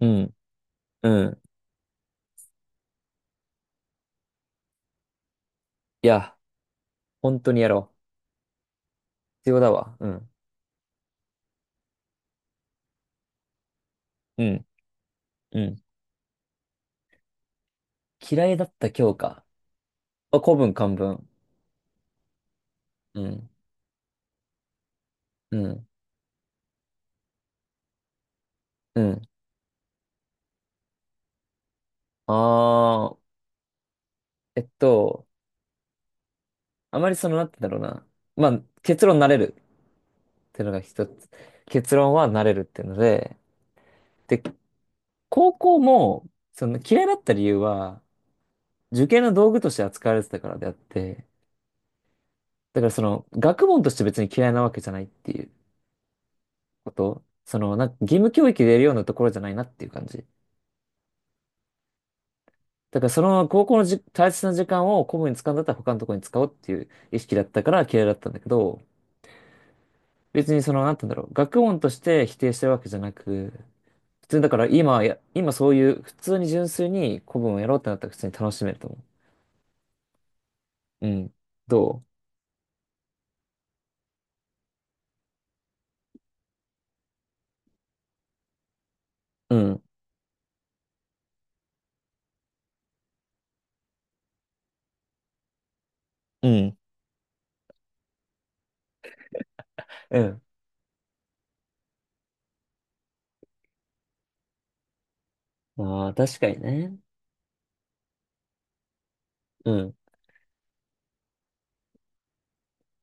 うん、うん。いや、本当にやろう。必要だわ。うん、うん、うん。嫌いだった教科。あ、古文、漢文。うん、うん、うん。あー、えっと、あまりその、なんて言うんだろうな。まあ、結論なれるっていうのが一つ。結論はなれるっていうので、で、高校も、その嫌いだった理由は、受験の道具として扱われてたからであって、だからその、学問として別に嫌いなわけじゃないっていう。こと、その、なんか義務教育でやるようなところじゃないなっていう感じ。だからその高校の、大切な時間を公務に使うんだったら他のところに使おうっていう意識だったから嫌いだったんだけど、別にその、なんて言うんだろう、学問として否定してるわけじゃなく、普通にだから今はや、今そういう普通に純粋に古文をやろうってなったら普通に楽しめると思う。うん。どう、うん。うん。うん。ああ、確かにね。うん。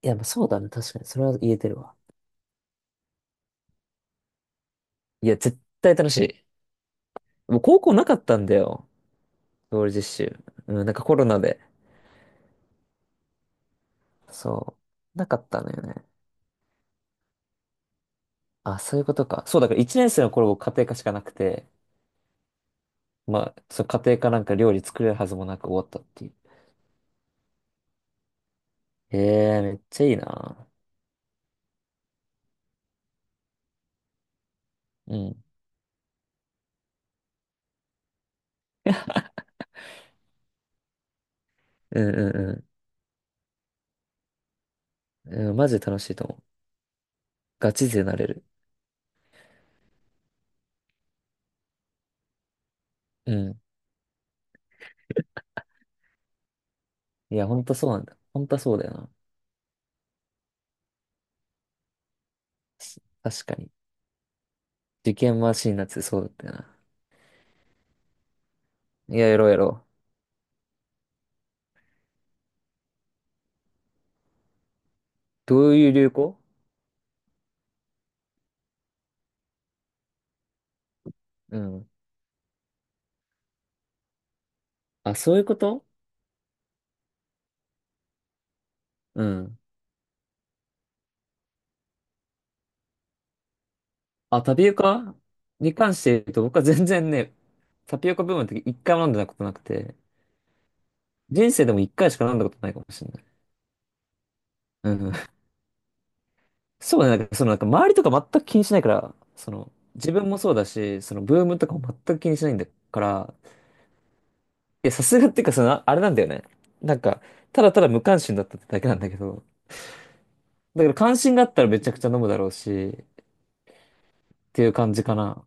いや、まあそうだね。確かに。それは言えてるわ。いや、絶対楽しい。もう高校なかったんだよ。料理実習。うん、なんかコロナで、そう、なかったのよね。あ、そういうことか。そう、だから1年生の頃僕家庭科しかなくて、まあ、そう家庭科なんか料理作れるはずもなく終わったっていう。へえ、めっちゃいいな。うん。うんうんうん。うん、マジで楽しいと思う。ガチ勢なれる。うん。いや、ほんとそうなんだ。ほんとそうだよな。確かに。受験マシンなってそうだったよな。いや、やろうやろう。どういう流行、うん。あ、そういうこと、うん。あ、タピオカに関して言うと、僕は全然ね、タピオカブームの時一回も飲んだことなくて、人生でも一回しか飲んだことないかもしれない。うん。そうね、なんか、そのなんか周りとか全く気にしないから、その、自分もそうだし、そのブームとかも全く気にしないんだから、いや、さすがっていうか、その、あれなんだよね。なんか、ただただ無関心だったってだけなんだけど、だから関心があったらめちゃくちゃ飲むだろうし、っていう感じかな。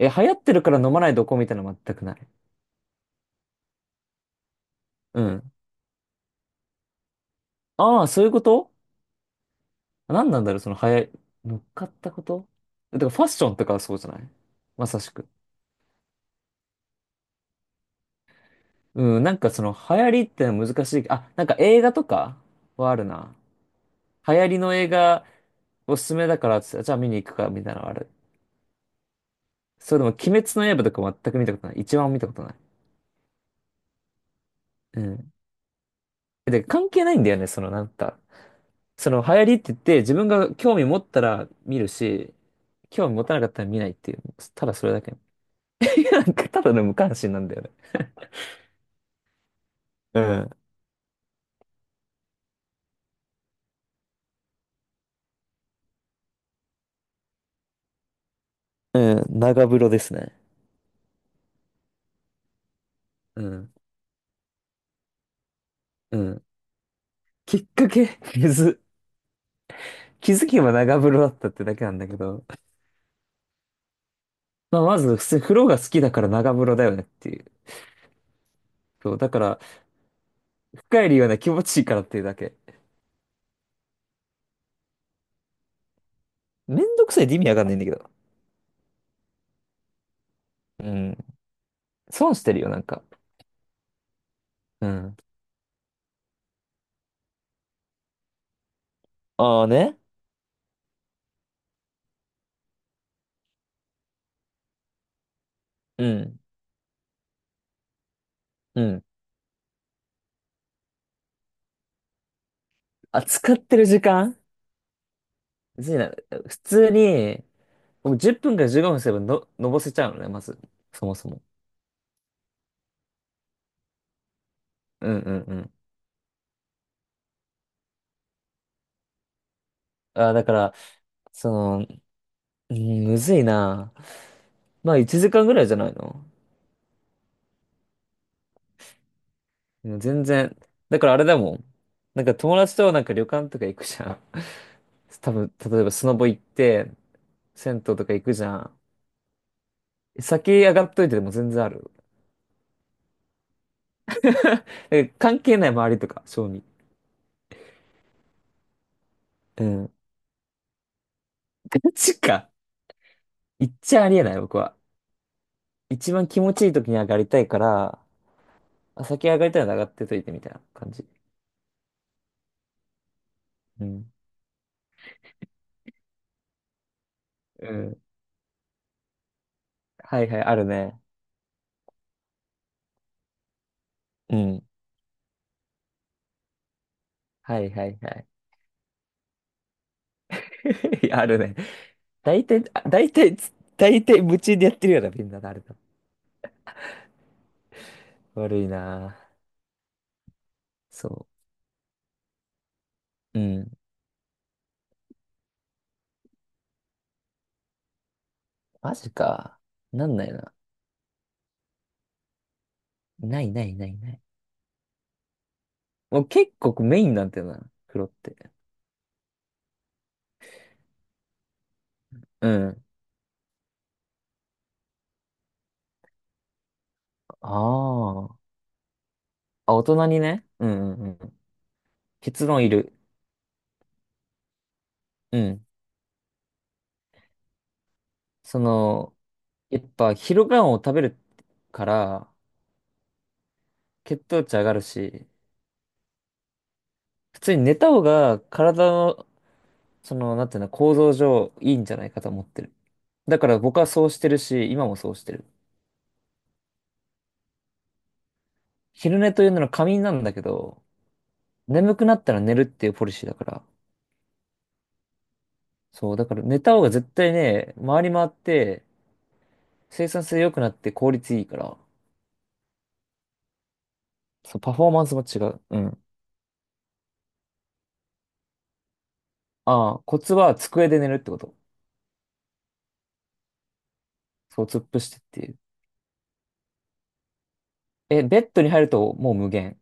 え、流行ってるから飲まないどこみたいなの全くない。うん。ああ、そういうこと、何なんだろう、その早い、乗っかったこと、だからファッションとかはそうじゃない、まさしく。うん、なんかその流行りってのは難しい。あ、なんか映画とかはあるな。流行りの映画、おすすめだからっつって、じゃあ見に行くか、みたいなのある。それでも、鬼滅の刃とか全く見たことない。一番も見たことない。うん。で、関係ないんだよね、そのなんか。その流行りって言って、自分が興味持ったら見るし、興味持たなかったら見ないっていう。ただそれだけ。なんかただの無関心なんだよね。うん、うん、長風呂ですね。うん。うん。きっかけ、水。気づけば長風呂だったってだけなんだけど。まあ、まず、普通に風呂が好きだから長風呂だよねっていう。そう、だから、深い理由はね、気持ちいいからっていうだけ。めんどくさいって意味わかんないんだけど。うん。損してるよ、なんか。うん。ああね。うん。うん。あ、使ってる時間、別にな、普通に、もう10分から15分すればの、のぼせちゃうのね、まず。そもそも。うんうんうん。あ、だから、その、うん、むずいな。まあ、1時間ぐらいじゃないの。もう全然。だからあれだもん。なんか友達となんか旅館とか行くじゃん。多分、例えばスノボ行って、銭湯とか行くじゃん。先上がっといてでも全然ある。だから関係ない周りとか、正味。うん。ガチか。行っちゃありえない、僕は。一番気持ちいい時に上がりたいから、あ、先上がりたいなら上がってといてみたいな感じ。うん。うん。はいはい、あるね。うん。はいはいはい。あるね。大体、あ大体大体夢中でやってるような、みんな誰と。悪いな。そう。うん。マジか。なんないな。ないないないない。もう結構メインなんてな、風呂って。うん。ああ。あ、大人にね。うんうんうん。結論いる。うん。その、やっぱ昼ご飯を食べるから、血糖値上がるし、普通に寝た方が体、その、なんていうの、構造上いいんじゃないかと思ってる。だから僕はそうしてるし、今もそうしてる。昼寝というのは仮眠なんだけど、眠くなったら寝るっていうポリシーだから。そう、だから寝た方が絶対ね、回り回って生産性良くなって効率いいから。そう、パフォーマンスも違う。うん。ああ、コツは机で寝るってこと。そう、突っ伏してっていう。え、ベッドに入るともう無限。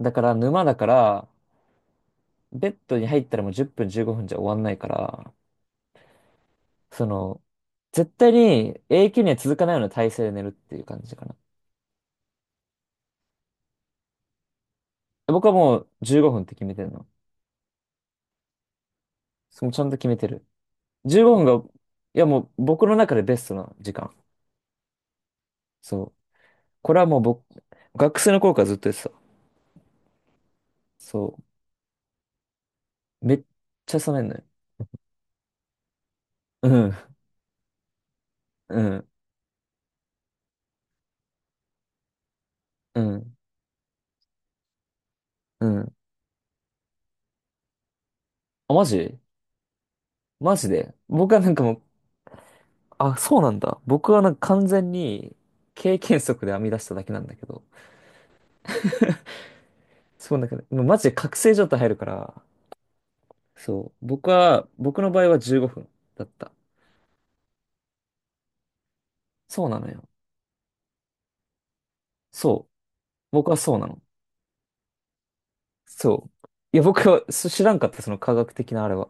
だから沼だから、ベッドに入ったらもう10分15分じゅうごふんじゃ終わんないから、その、絶対に永久には続かないような体勢で寝るっていう感じかな。僕はもう15分って決めてるの。そのちゃんと決めてる。15分が、いやもう僕の中でベストな時間。そう。これはもう僕、学生の頃からずっとやってた。そう。めっちゃ冷めんのよ。うん、うん、うん、うん。あ、マジで僕はなんかもう、あ、そうなんだ。僕はなんか完全に経験則で編み出しただけなんだけど。そうなんかねもうマジで覚醒状態入るから、そう。僕は、僕の場合は15分だった。そうなのよ。そう。僕はそうなの。そう。いや、僕はそ知らんかった、その科学的なあれは。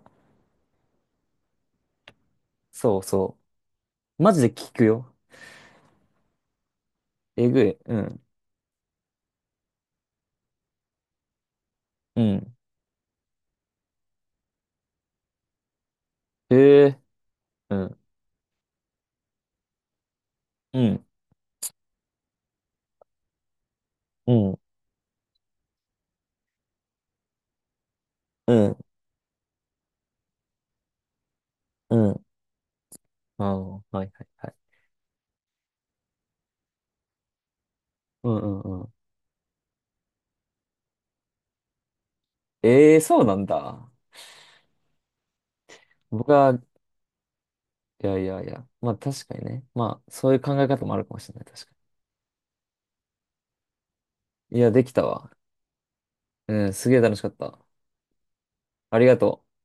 そうそう。マジで聞くよ。えぐい。うん。うん。へえ。うん。うん。うん。うん。うん。ああ、はいはいはい。うんうんうん。ええ、そうなんだ。僕は、いやいやいや。まあ確かにね。まあ、そういう考え方もあるかもしれない。確かに。いや、できたわ。うん、すげえ楽しかった。ありがとう。